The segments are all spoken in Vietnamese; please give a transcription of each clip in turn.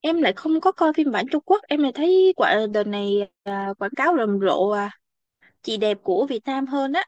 Em lại không có coi phim bản Trung Quốc, em lại thấy quả đợt này quảng cáo rầm rộ chị đẹp của Việt Nam hơn á.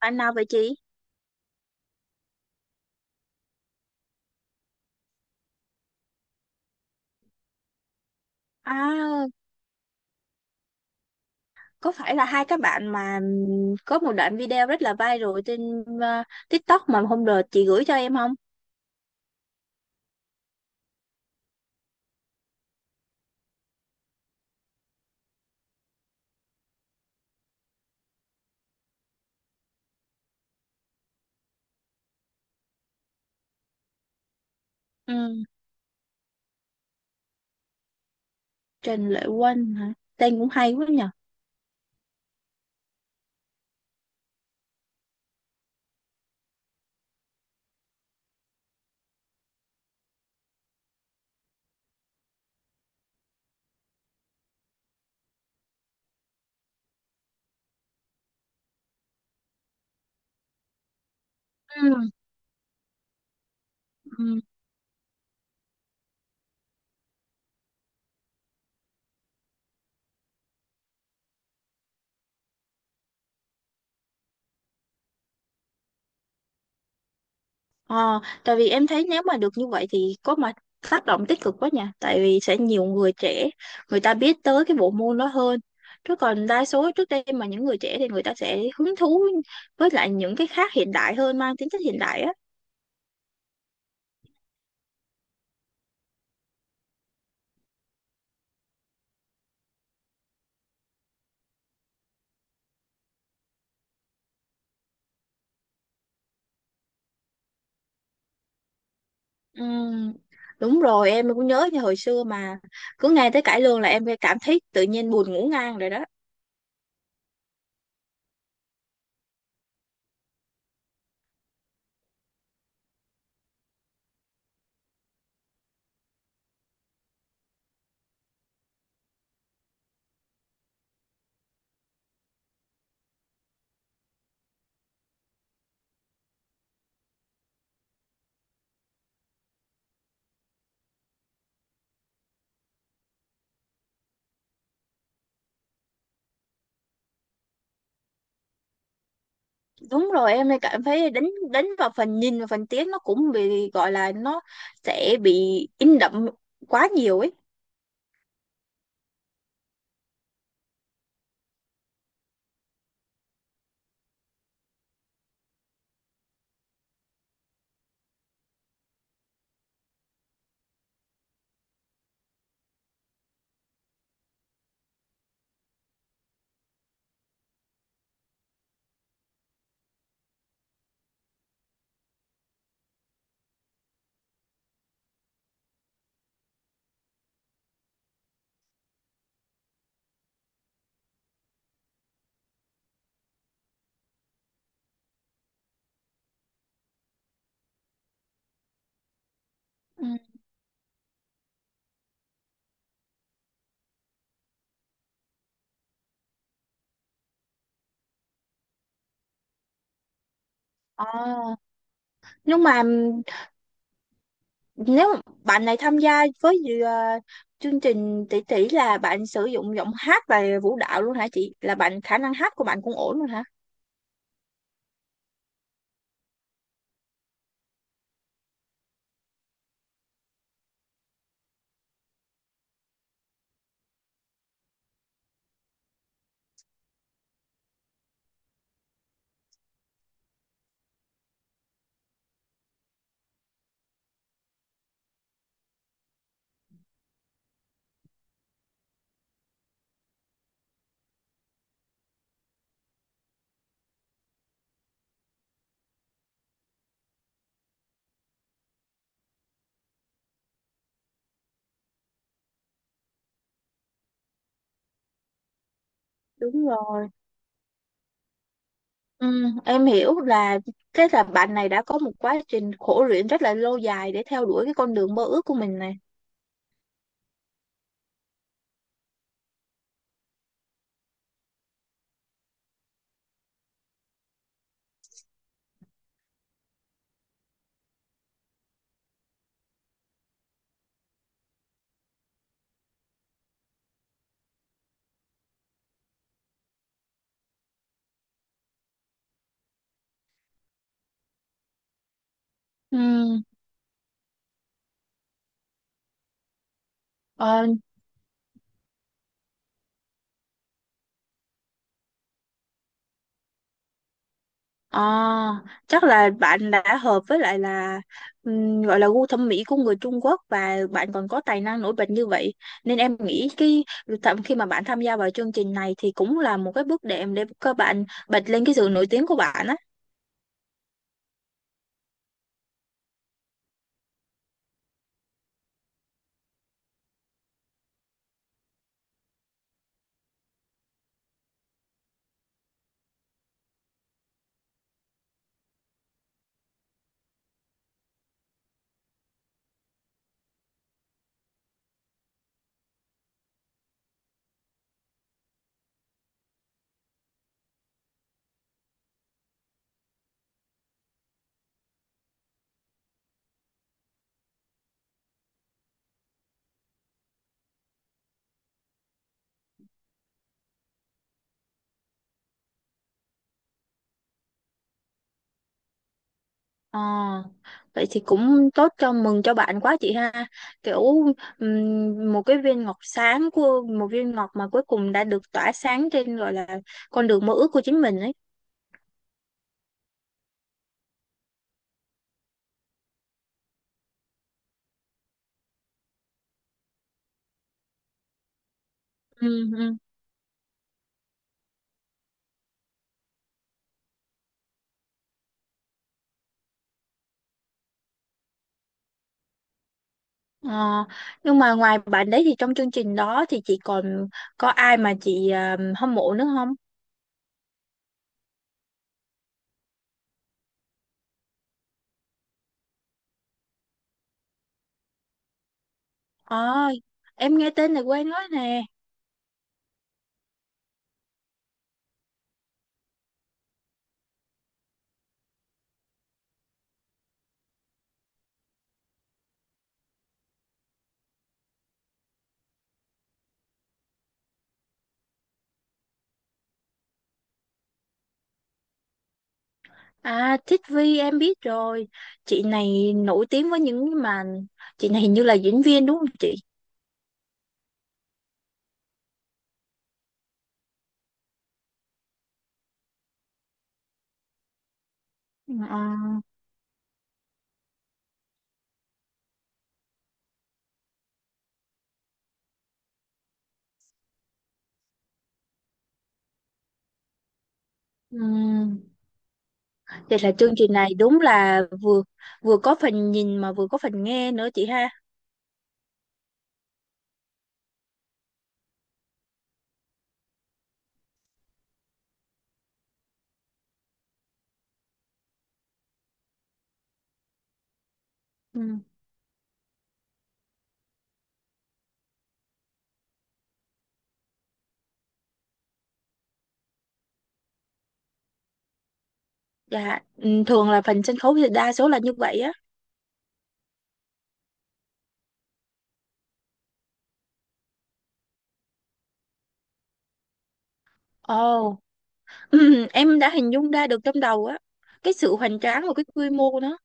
Bạn nào vậy chị? À, có phải là hai các bạn mà có một đoạn video rất là viral trên TikTok mà hôm đợt chị gửi cho em không? Ừ, Trần Lệ Quân hả? Tên cũng hay quá nhỉ. Ừ, ừ. Ờ, tại vì em thấy nếu mà được như vậy thì có mà tác động tích cực quá nha, tại vì sẽ nhiều người trẻ người ta biết tới cái bộ môn đó hơn, chứ còn đa số trước đây mà những người trẻ thì người ta sẽ hứng thú với lại những cái khác hiện đại hơn, mang tính chất hiện đại á. Ừm, đúng rồi, em cũng nhớ như hồi xưa mà cứ nghe tới cải lương là em phải cảm thấy tự nhiên buồn ngủ ngang rồi đó. Đúng rồi, em lại cảm thấy đánh đánh vào phần nhìn và phần tiếng, nó cũng bị gọi là nó sẽ bị in đậm quá nhiều ấy. À, nhưng mà nếu mà bạn này tham gia với chương trình tỷ tỷ là bạn sử dụng giọng hát và vũ đạo luôn hả chị? Là bạn khả năng hát của bạn cũng ổn luôn hả? Đúng rồi. Ừ, em hiểu là cái là bạn này đã có một quá trình khổ luyện rất là lâu dài để theo đuổi cái con đường mơ ước của mình này. Ừ. ờ, Ờ, chắc là bạn đã hợp với lại là gọi là gu thẩm mỹ của người Trung Quốc, và bạn còn có tài năng nổi bật như vậy nên em nghĩ cái thậm khi mà bạn tham gia vào chương trình này thì cũng là một cái bước đệm để các bạn bật lên cái sự nổi tiếng của bạn á. Ờ, vậy thì cũng tốt, cho mừng cho bạn quá chị ha. Kiểu một cái viên ngọc sáng, của một viên ngọc mà cuối cùng đã được tỏa sáng trên gọi là con đường mơ ước của chính mình ấy. Ừ, ừ. Ờ, nhưng mà ngoài bạn đấy thì trong chương trình đó thì chị còn có ai mà chị hâm mộ nữa không? Ờ, em nghe tên này quen quá nè. À, Thích Vi em biết rồi. Chị này nổi tiếng với những mà chị này hình như là diễn viên đúng không chị? Ờ, ừm. Vậy là chương trình này đúng là vừa vừa có phần nhìn mà vừa có phần nghe nữa chị ha. Ừ. Dạ, ừ, thường là phần sân khấu thì đa số là như vậy á. Ồ. Em đã hình dung ra được trong đầu á, cái sự hoành tráng và cái quy mô của nó.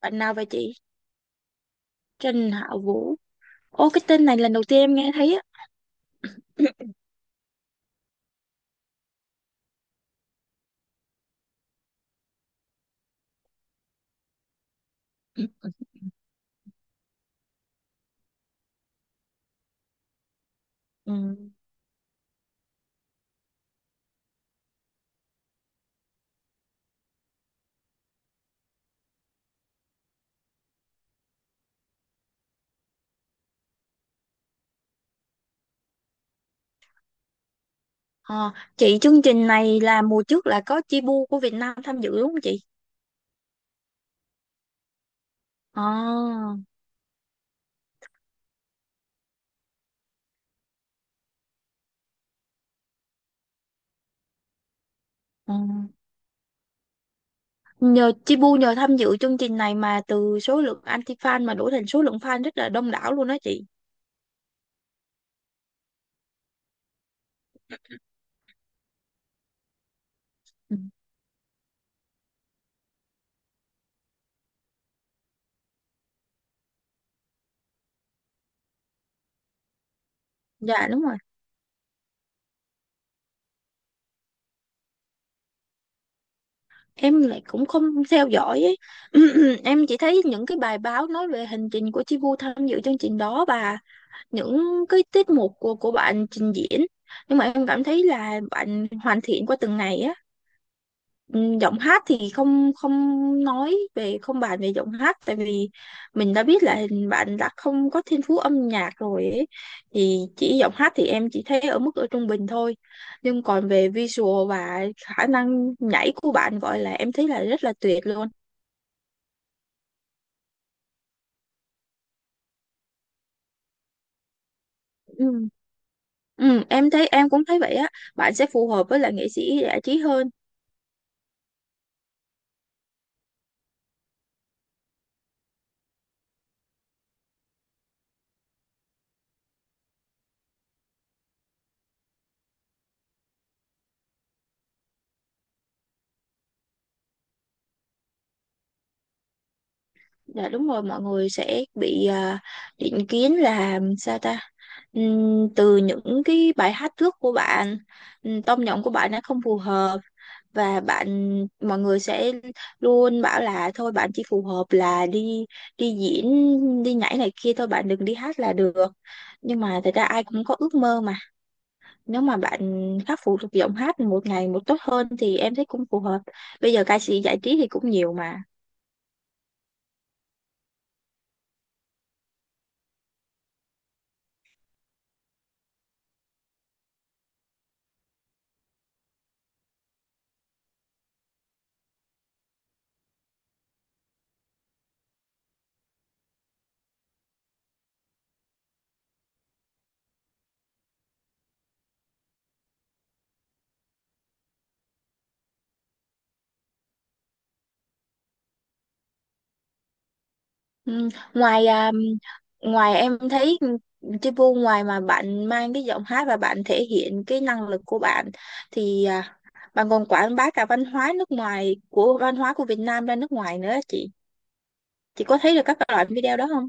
Bạn nào vậy chị? Trình Hạo Vũ? Ô, cái tên này lần đầu tiên em nghe thấy á. Ừm. Ờ, chị, chương trình này là mùa trước là có Chibu của Việt Nam tham dự đúng không chị? Ờ, ờ. Nhờ Chibu nhờ tham dự chương trình này mà từ số lượng anti fan mà đổi thành số lượng fan rất là đông đảo luôn đó chị. Ừ. Dạ đúng rồi, em lại cũng không theo dõi ấy. Em chỉ thấy những cái bài báo nói về hành trình của Chi Vu tham dự chương trình đó và những cái tiết mục của bạn trình diễn, nhưng mà em cảm thấy là bạn hoàn thiện qua từng ngày á. Ừ, giọng hát thì không, không nói về, không bàn về giọng hát, tại vì mình đã biết là bạn đã không có thiên phú âm nhạc rồi ấy. Thì chỉ giọng hát thì em chỉ thấy ở mức ở trung bình thôi, nhưng còn về visual và khả năng nhảy của bạn gọi là em thấy là rất là tuyệt luôn. Ừ. Ừ, em thấy, em cũng thấy vậy á, bạn sẽ phù hợp với là nghệ sĩ giải trí hơn. Dạ đúng rồi, mọi người sẽ bị định kiến là sao ta? Từ những cái bài hát trước của bạn, tông giọng của bạn nó không phù hợp, và bạn, mọi người sẽ luôn bảo là thôi bạn chỉ phù hợp là đi đi diễn, đi nhảy này kia thôi, bạn đừng đi hát là được. Nhưng mà thật ra ai cũng có ước mơ mà. Nếu mà bạn khắc phục được giọng hát một ngày một tốt hơn thì em thấy cũng phù hợp. Bây giờ ca sĩ giải trí thì cũng nhiều mà. Ừ, ngoài à, ngoài em thấy Chi Vu ngoài mà bạn mang cái giọng hát và bạn thể hiện cái năng lực của bạn thì bạn còn quảng bá cả văn hóa nước ngoài, của văn hóa của Việt Nam ra nước ngoài nữa á chị. Chị có thấy được các loại video đó không?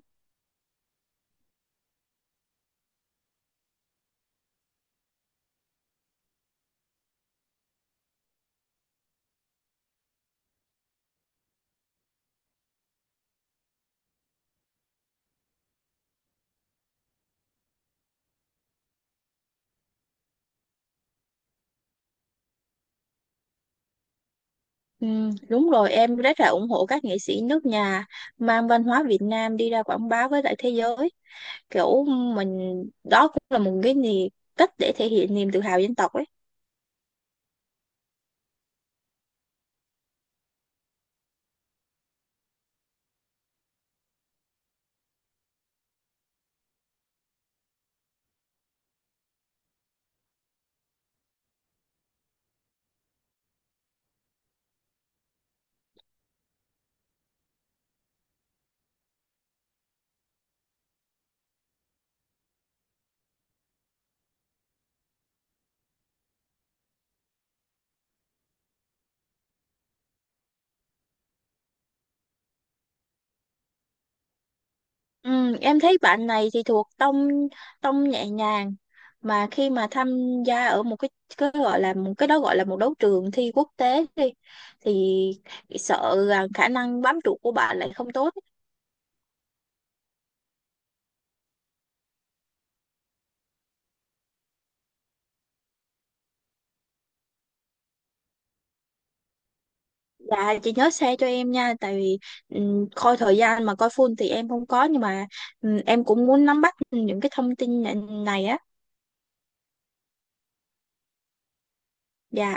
Ừ, đúng rồi, em rất là ủng hộ các nghệ sĩ nước nhà mang văn hóa Việt Nam đi ra quảng bá với lại thế giới. Kiểu mình đó cũng là một cái gì, cách để thể hiện niềm tự hào dân tộc ấy. Ừ, em thấy bạn này thì thuộc tông tông nhẹ nhàng, mà khi mà tham gia ở một cái gọi là một cái đó, gọi là một đấu trường thi quốc tế đi, thì sợ rằng khả năng bám trụ của bạn lại không tốt. Và chị nhớ share cho em nha, tại vì coi thời gian mà coi full thì em không có, nhưng mà em cũng muốn nắm bắt những cái thông tin này á. Dạ.